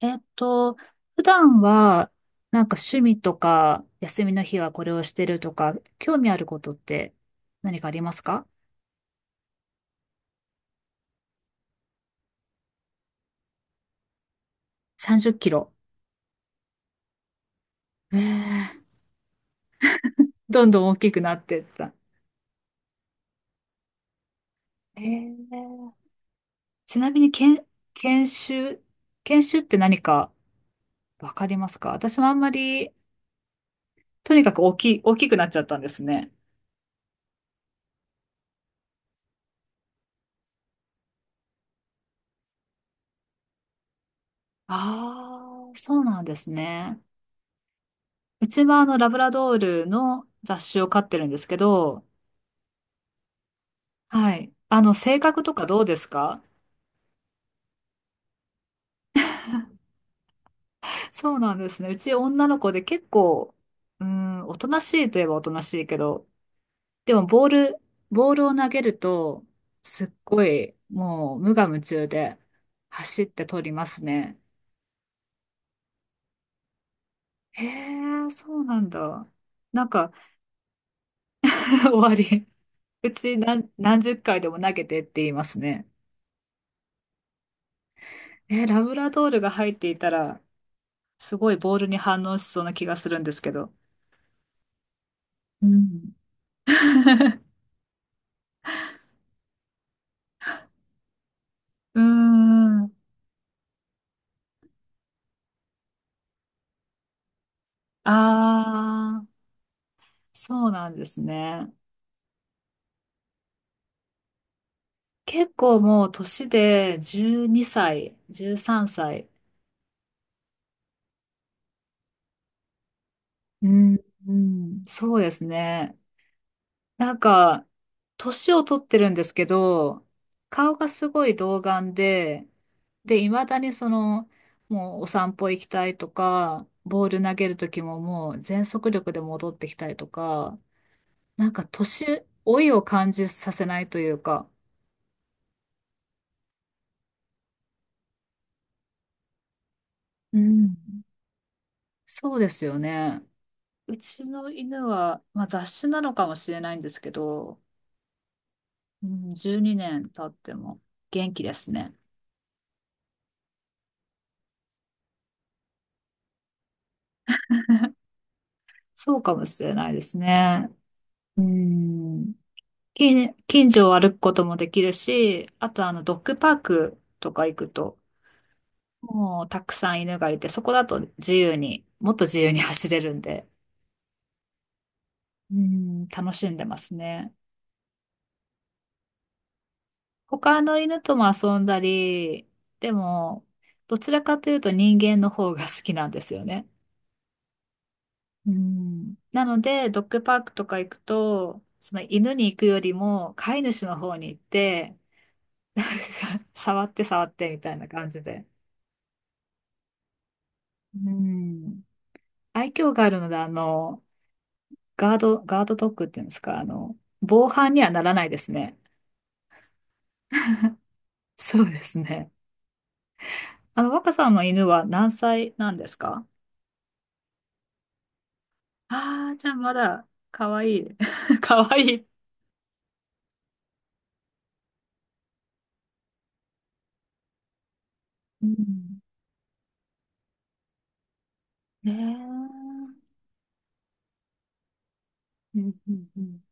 えっと、普段は、なんか趣味とか、休みの日はこれをしてるとか、興味あることって何かありますか？ 30キロ キロ。えー、どんどん大きくなってった。えー、ちなみに研修、研修って何かわかりますか？私もあんまり、とにかく大きくなっちゃったんですね。ああ、そうなんですね。うちはあの、ラブラドールの雑種を飼ってるんですけど、はい。あの、性格とかどうですか？そうなんですね。うち女の子で結構、うーん、おとなしいといえばおとなしいけど、でもボールを投げると、すっごい、もう無我夢中で走って取りますね。へえ、そうなんだ。なんか、終わり。うち何十回でも投げてって言いますね。えー、ラブラドールが入っていたら、すごいボールに反応しそうな気がするんですけど。うん。うーん。ああ、そうなんですね。結構もう年で12歳、13歳。うん、うん、そうですね。なんか、年を取ってるんですけど、顔がすごい童顔で、で、未だにその、もうお散歩行きたいとか、ボール投げる時ももう全速力で戻ってきたりとか、なんか年老いを感じさせないというか、うん。そうですよね。うちの犬は、まあ、雑種なのかもしれないんですけど、うん、12年経っても元気ですね。そうかもしれないですね。うん。近所を歩くこともできるし、あとあの、ドッグパークとか行くと、もうたくさん犬がいて、そこだと自由に、もっと自由に走れるんで、うん、楽しんでますね。他の犬とも遊んだり、でも、どちらかというと人間の方が好きなんですよね。うん。なので、ドッグパークとか行くと、その犬に行くよりも飼い主の方に行って、なんか触って触ってみたいな感じで。うん。愛嬌があるので、あの、ガードドッグっていうんですか、あの、防犯にはならないですね。そうですね。あの、若さんの犬は何歳なんですか？ああ、じゃあまだ、かわいい。かわいい。うん。ねえ。うんうんうん。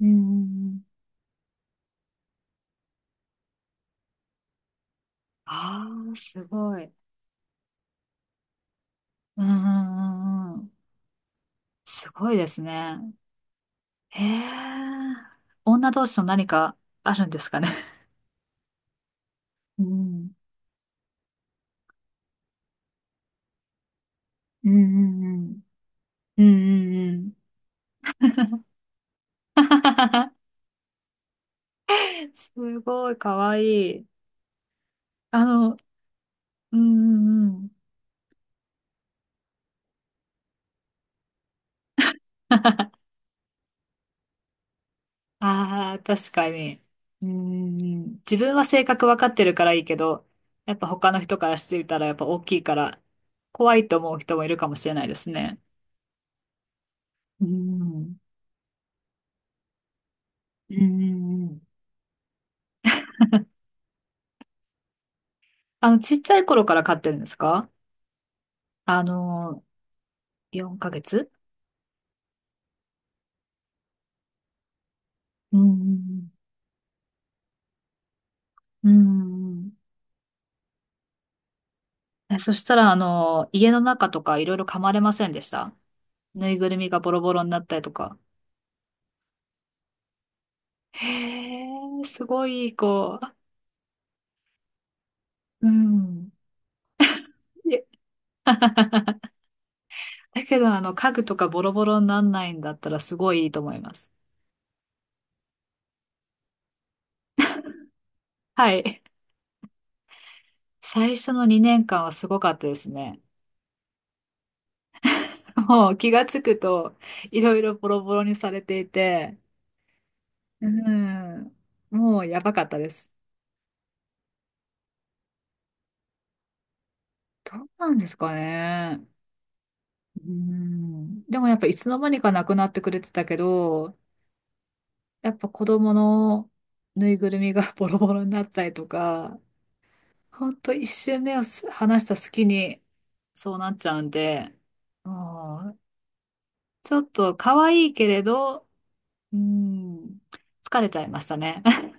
うん。ああ、すごい。うんうんうんうん。すごいですね。へえ。女同士の何かあるんですかね。うんうんうんうんうんうんうん。 すごい、かわいい。あの、うんうんうん。ああ、確かに。うーん、自分は性格わかってるからいいけど、やっぱ他の人からしてみたらやっぱ大きいから、怖いと思う人もいるかもしれないですね。うーん。うーん。あの、ちっちゃい頃から飼ってるんですか？あの、4ヶ月。うーん。うーん。え、そしたら、あの、家の中とかいろいろ噛まれませんでした？ぬいぐるみがボロボロになったりとか。へえ、すごいいい子。うん。だけど、あの、家具とかボロボロになんないんだったらすごいいいと思います。はい。最初の2年間はすごかったですね。もう気がつくと、いろいろボロボロにされていて、うん、もうやばかったです。どうなんですかね。うん。でもやっぱいつの間にかなくなってくれてたけど、やっぱ子供のぬいぐるみが ボロボロになったりとか、ほんと一周目をす話した隙にそうなっちゃうんで、もうちょっと可愛いけれど、うん、疲れちゃいましたね。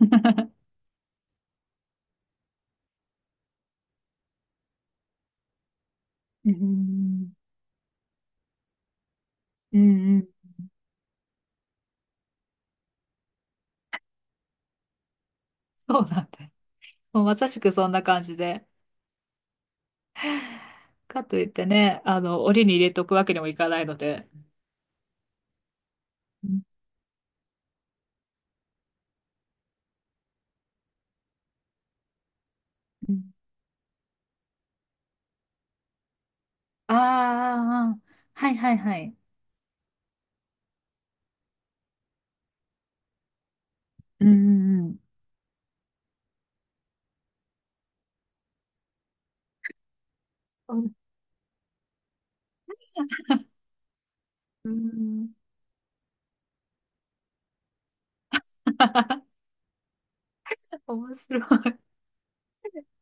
うん、うん、うん。そうなんで。もうまさしくそんな感じで。かといってね、あの、檻に入れとくわけにもいかないので。うんうん。あーあー、あー。はいはいはい。うんうんうん。うんうん。 面白い。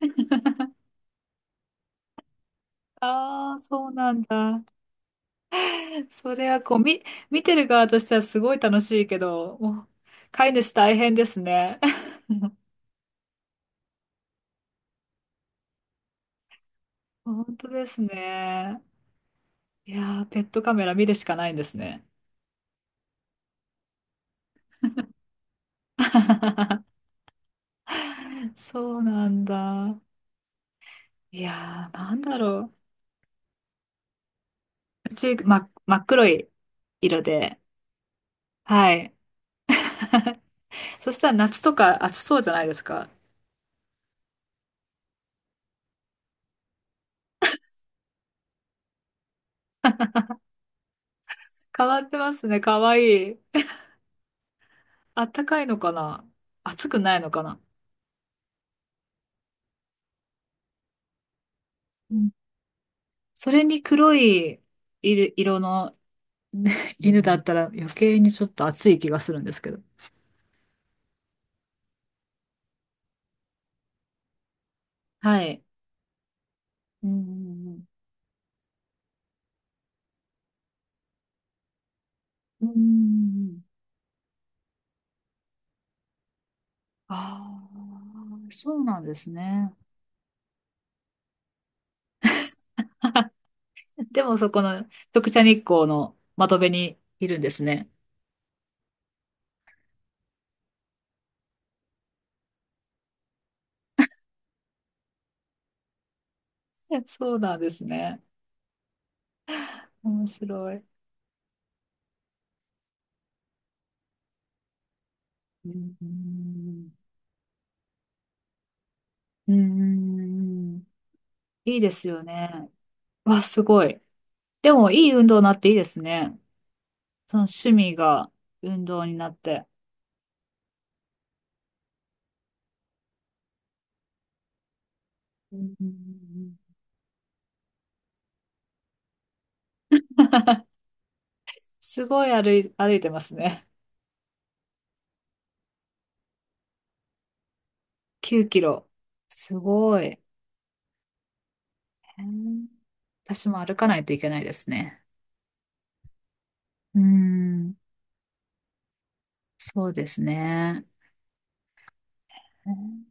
ああ、そうなんだ。それはこう、み、見てる側としてはすごい楽しいけど、もう飼い主大変ですね。本当ですね。いやー、ペットカメラ見るしかないんですね。そうなんだ。いやー、なんだろう。うち、ま、真っ黒い色で。はい。そしたら夏とか暑そうじゃないですか。変わってますね。かわいい。あったかいのかな？暑くないのかな？うん。それに黒い色色のね、犬だったら余計にちょっと暑い気がするんですけど。はい。うんうん。ああー、そうなんですね。でもそこの直射日光の窓辺にいるんですね。そうなんですね。面白い。うんうんうん。うん。いいですよね。わ、すごい。でもいい運動になっていいですね。その趣味が運動になって。うんうんうんうん。すごい歩いてますね。9キロ。すごい。へー。私も歩かないといけないですね。うーん。そうですね。へー